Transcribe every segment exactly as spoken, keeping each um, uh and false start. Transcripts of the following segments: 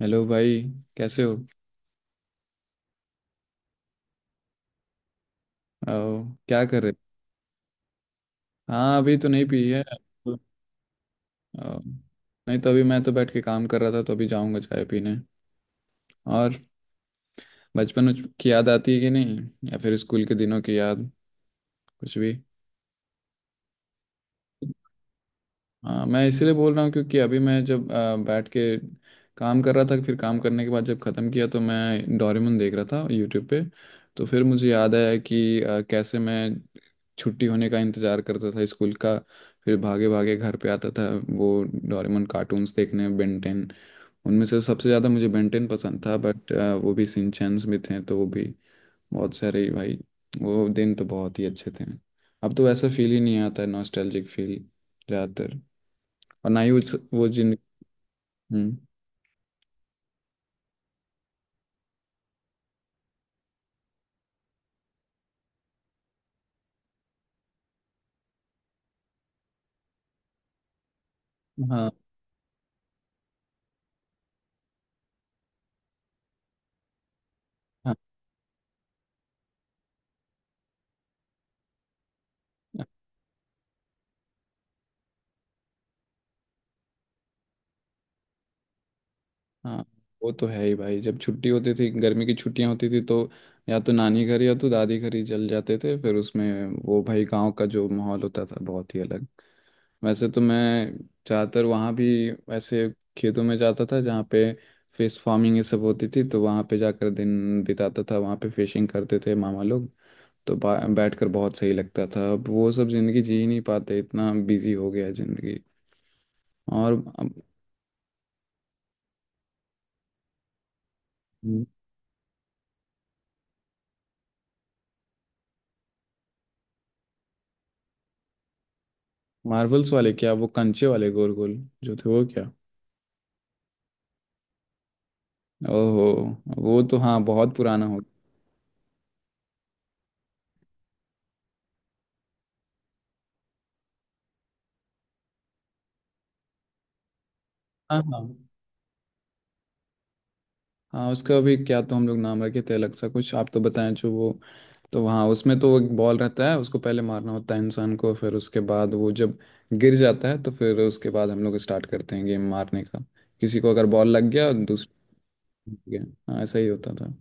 Hello भाई। कैसे हो? आओ, क्या कर रहे? हाँ अभी तो नहीं पी है। आओ, नहीं तो अभी मैं तो बैठ के काम कर रहा था तो अभी जाऊंगा चाय पीने। और बचपन उच- की याद आती है कि नहीं, या फिर स्कूल के दिनों की याद, कुछ भी। हाँ मैं इसीलिए बोल रहा हूँ क्योंकि अभी मैं जब अ, बैठ के काम कर रहा था, फिर काम करने के बाद जब ख़त्म किया तो मैं डोरेमोन देख रहा था यूट्यूब पे। तो फिर मुझे याद आया कि अ, कैसे मैं छुट्टी होने का इंतज़ार करता था स्कूल का। फिर भागे भागे घर पे आता था, वो डोरेमोन कार्टून्स देखने, बेंटेन। उनमें से सबसे ज़्यादा मुझे बेंटेन पसंद था, बट वो भी सिंचैंस भी थे तो वो भी बहुत सारे ही भाई। वो दिन तो बहुत ही अच्छे थे। अब तो वैसा फील ही नहीं आता है नॉस्टैल्जिक फील ज़्यादातर। और ना ही उस वो जिन। हम्म। हाँ हाँ। हाँ वो तो है ही भाई, जब छुट्टी होती थी गर्मी की छुट्टियां होती थी तो या तो नानी घर या तो दादी घर ही चल जाते थे। फिर उसमें वो भाई गांव का जो माहौल होता था बहुत ही अलग। वैसे तो मैं ज़्यादातर वहाँ भी ऐसे खेतों में जाता था जहाँ पे फिश फार्मिंग ये सब होती थी, तो वहाँ पे जाकर दिन बिताता था। वहाँ पे फिशिंग करते थे मामा लोग, तो बा- बैठकर बहुत सही लगता था। अब वो सब ज़िंदगी जी ही नहीं पाते, इतना बिजी हो गया है ज़िंदगी। और मार्वल्स वाले क्या, वो कंचे वाले गोल गोल जो थे वो क्या? ओहो, वो तो हाँ बहुत पुराना हो गया। हाँ हाँ। हाँ उसका अभी क्या, तो हम लोग नाम रखे थे अलग सा कुछ, आप तो बताएं जो वो। तो हाँ, उसमें तो एक बॉल रहता है, उसको पहले मारना होता है इंसान को, फिर उसके बाद वो जब गिर जाता है तो फिर उसके बाद हम लोग स्टार्ट करते हैं गेम मारने का। किसी को अगर बॉल लग गया, दूसरे को लग गया, हाँ ऐसा ही होता था।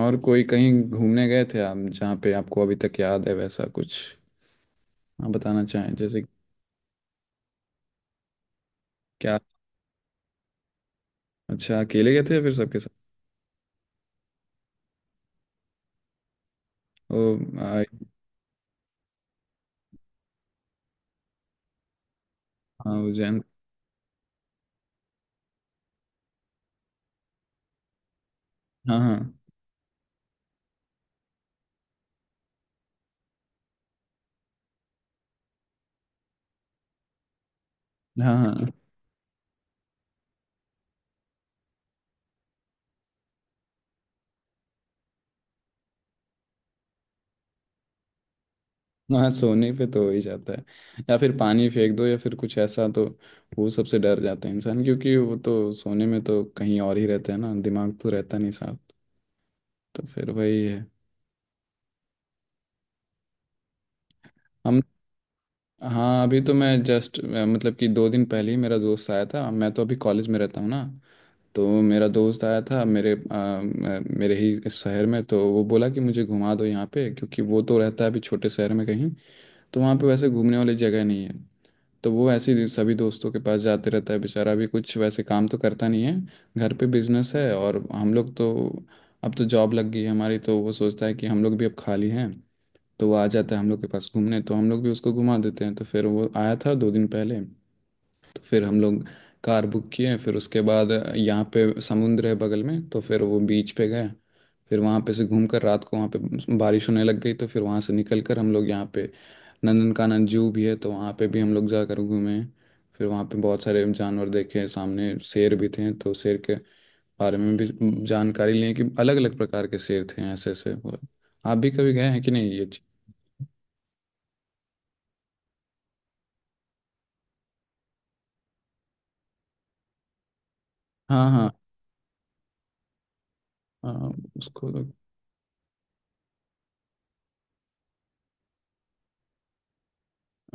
और कोई कहीं घूमने गए थे आप, जहाँ पे आपको अभी तक याद है वैसा कुछ आप बताना चाहें जैसे? क्या? अच्छा, अकेले गए थे या फिर सबके साथ? ओ। आई। हाँ वो जैन। हाँ हाँ हाँ। हाँ, हाँ सोने पे तो हो ही जाता है, या फिर पानी फेंक दो या फिर कुछ ऐसा तो वो सबसे डर जाता है इंसान, क्योंकि वो तो सोने में तो कहीं और ही रहता है ना, दिमाग तो रहता नहीं साफ, तो फिर वही है। हम। हाँ अभी तो मैं जस्ट मतलब कि दो दिन पहले ही मेरा दोस्त आया था, मैं तो अभी कॉलेज में रहता हूँ ना। तो मेरा दोस्त आया था मेरे आ, मेरे ही इस शहर में, तो वो बोला कि मुझे घुमा दो यहाँ पे, क्योंकि वो तो रहता है अभी छोटे शहर में कहीं, तो वहाँ पे वैसे घूमने वाली जगह नहीं है। तो वो ऐसे ही सभी दोस्तों के पास जाते रहता है बेचारा, भी कुछ वैसे काम तो करता नहीं है, घर पे बिजनेस है। और हम लोग तो अब तो जॉब लग गई है हमारी, तो वो सोचता है कि हम लोग भी अब खाली हैं तो वो आ जाता है हम लोग के पास घूमने, तो हम लोग भी उसको घुमा देते हैं। तो फिर वो आया था दो दिन पहले, फिर हम लोग कार बुक किए। फिर उसके बाद यहाँ पे समुंदर है बगल में तो फिर वो बीच पे गए। फिर वहाँ पे से घूम कर रात को वहाँ पे बारिश होने लग गई, तो फिर वहाँ से निकल कर हम लोग यहाँ पे नंदनकानन जू भी है तो वहाँ पे भी हम लोग जाकर घूमे। फिर वहाँ पे बहुत सारे जानवर देखे, सामने शेर भी थे तो शेर के बारे में भी जानकारी लें कि अलग अलग प्रकार के शेर थे ऐसे ऐसे। और आप भी कभी गए हैं कि नहीं ये चीज़? हाँ हाँ हाँ, उसको तो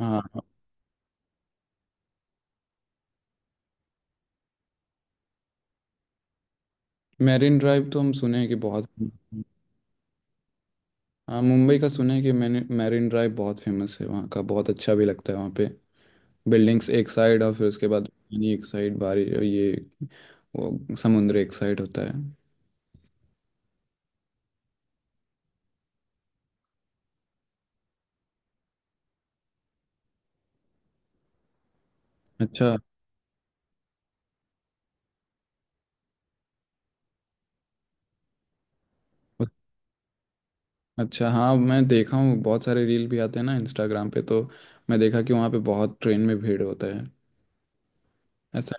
हाँ। मैरिन ड्राइव तो हम सुने हैं कि बहुत। हाँ मुंबई का सुना है कि मैंने, मैरिन ड्राइव बहुत फेमस है वहाँ का, बहुत अच्छा भी लगता है वहाँ पे, बिल्डिंग्स एक साइड और फिर उसके बाद पानी एक साइड बारी, ये वो समुद्र एक साइड होता है। अच्छा। उ- अच्छा हाँ मैं देखा हूँ बहुत सारे रील भी आते हैं ना इंस्टाग्राम पे, तो मैं देखा कि वहाँ पे बहुत ट्रेन में भीड़ होता है ऐसा।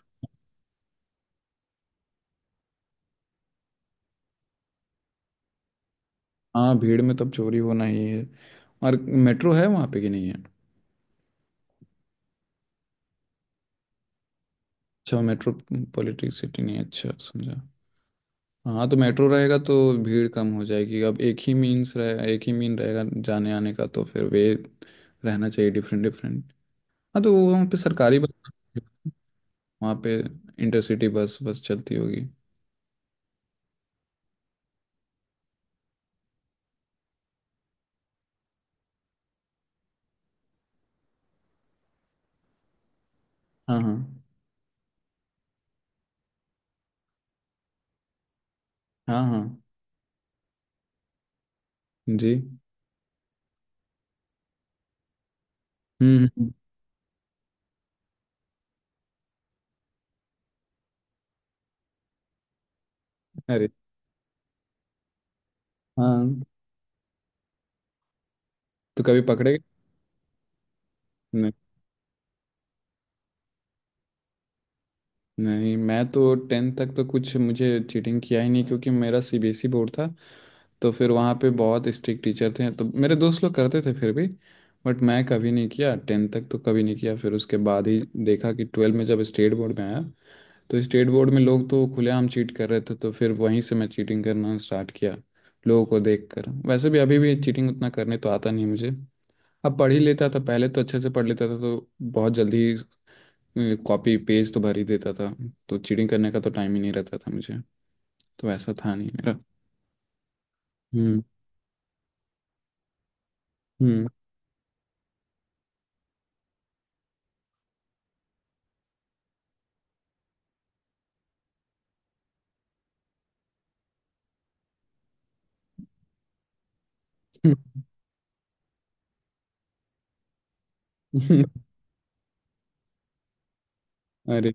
हाँ भीड़ में तब चोरी होना ही है। और मेट्रो है वहाँ पे कि नहीं है? अच्छा मेट्रो पॉलिटिक सिटी नहीं है, अच्छा समझा। हाँ तो मेट्रो रहेगा तो भीड़ कम हो जाएगी। अब एक ही मीन्स रहे एक ही मीन रहेगा जाने आने का, तो फिर वे रहना चाहिए डिफरेंट डिफरेंट। हाँ तो वो वहाँ पे सरकारी बस, वहाँ पे इंटरसिटी बस बस चलती होगी। हाँ हाँ। हाँ हाँ। जी। हम्म हम्म, हम्म। अरे। हाँ। तो कभी पकड़े? नहीं नहीं, मैं तो टेंथ तक तो कुछ मुझे चीटिंग किया ही नहीं, क्योंकि मेरा सीबीएसई बोर्ड था। तो फिर वहाँ पे बहुत स्ट्रिक्ट टीचर थे, तो मेरे दोस्त लोग करते थे फिर भी, बट मैं कभी नहीं किया। टेंथ तक तो कभी नहीं किया। फिर उसके बाद ही देखा कि ट्वेल्व में जब स्टेट बोर्ड में आया, तो स्टेट बोर्ड में लोग तो खुलेआम चीट कर रहे थे, तो फिर वहीं से मैं चीटिंग करना स्टार्ट किया लोगों को देख कर। वैसे भी अभी भी चीटिंग उतना करने तो आता नहीं मुझे। अब पढ़ ही लेता था पहले तो, अच्छे से पढ़ लेता था तो बहुत जल्दी कॉपी पेज तो भर ही देता था, तो चीटिंग करने का तो टाइम ही नहीं रहता था मुझे। तो ऐसा था नहीं मेरा। हम्म। हम्म। अरे।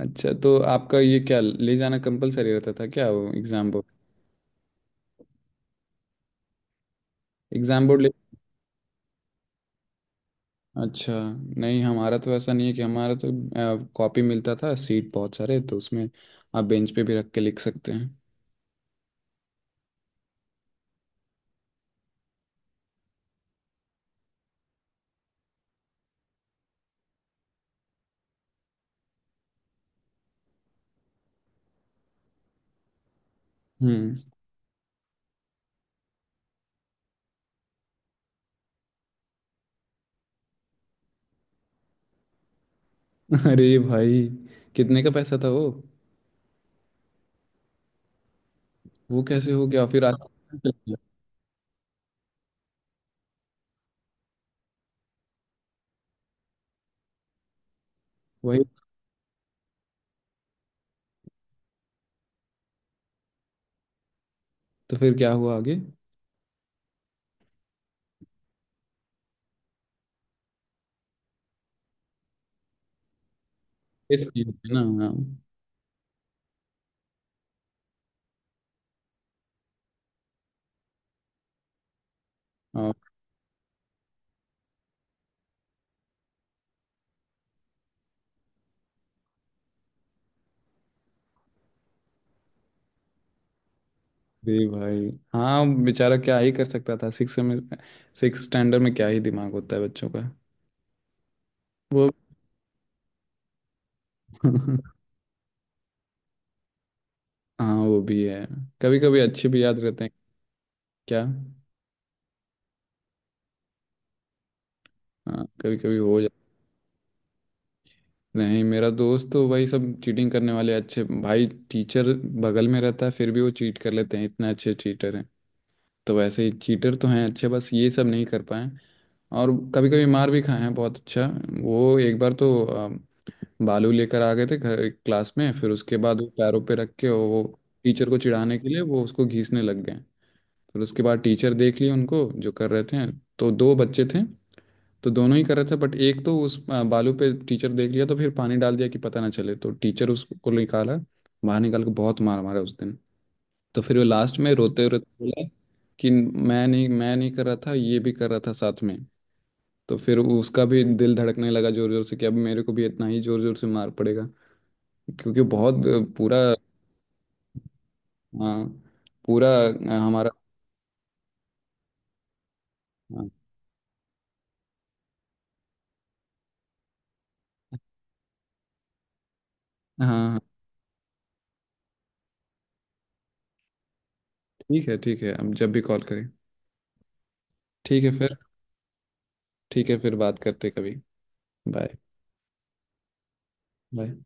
अच्छा तो आपका ये क्या ले जाना कंपलसरी रहता था क्या वो एग्जाम बोर्ड, एग्जाम बोर्ड ले? अच्छा। नहीं हमारा तो ऐसा नहीं है, कि हमारा तो कॉपी मिलता था सीट बहुत सारे, तो उसमें आप बेंच पे भी रख के लिख सकते हैं। हम्म। अरे भाई! कितने का पैसा था वो? वो कैसे हो गया फिर आगे? वही। तो फिर क्या हुआ आगे? केस नहीं होते ना? हाँ। अरे भाई! हाँ बेचारा क्या ही कर सकता था सिक्स में, सिक्स स्टैंडर्ड में क्या ही दिमाग होता है बच्चों का। वो। हाँ वो भी है, कभी कभी अच्छे भी याद रहते हैं। क्या? हाँ कभी कभी हो जाते हैं। नहीं मेरा दोस्त तो वही सब चीटिंग करने वाले, अच्छे भाई टीचर बगल में रहता है फिर भी वो चीट कर लेते हैं, इतने अच्छे चीटर हैं। तो वैसे ही चीटर तो हैं अच्छे, बस ये सब नहीं कर पाए। और कभी कभी मार भी खाए हैं बहुत अच्छा। वो एक बार तो अ, बालू लेकर आ गए थे घर क्लास में, फिर उसके बाद वो पैरों पे रख के वो टीचर को चिढ़ाने के लिए वो उसको घीसने लग गए। फिर उसके बाद टीचर देख लिए उनको जो कर रहे थे, तो दो बच्चे थे तो दोनों ही कर रहे थे, बट एक तो उस अ, बालू पे टीचर देख लिया तो फिर पानी डाल दिया कि पता ना चले, तो टीचर उसको निकाला बाहर, निकाल के बहुत मार मारा उस दिन। तो फिर वो लास्ट में रोते रोते बोला कि मैं नहीं, मैं नहीं कर रहा था, ये भी कर रहा था साथ में। तो फिर उसका भी दिल धड़कने लगा जोर जोर से कि अब मेरे को भी इतना ही जोर जोर से मार पड़ेगा, क्योंकि बहुत अ, पूरा। हाँ। पूरा अ, हमारा। हाँ हाँ हाँ, ठीक है ठीक है, अब जब भी कॉल करें। ठीक है फिर। ठीक है फिर बात करते कभी। Bye bye.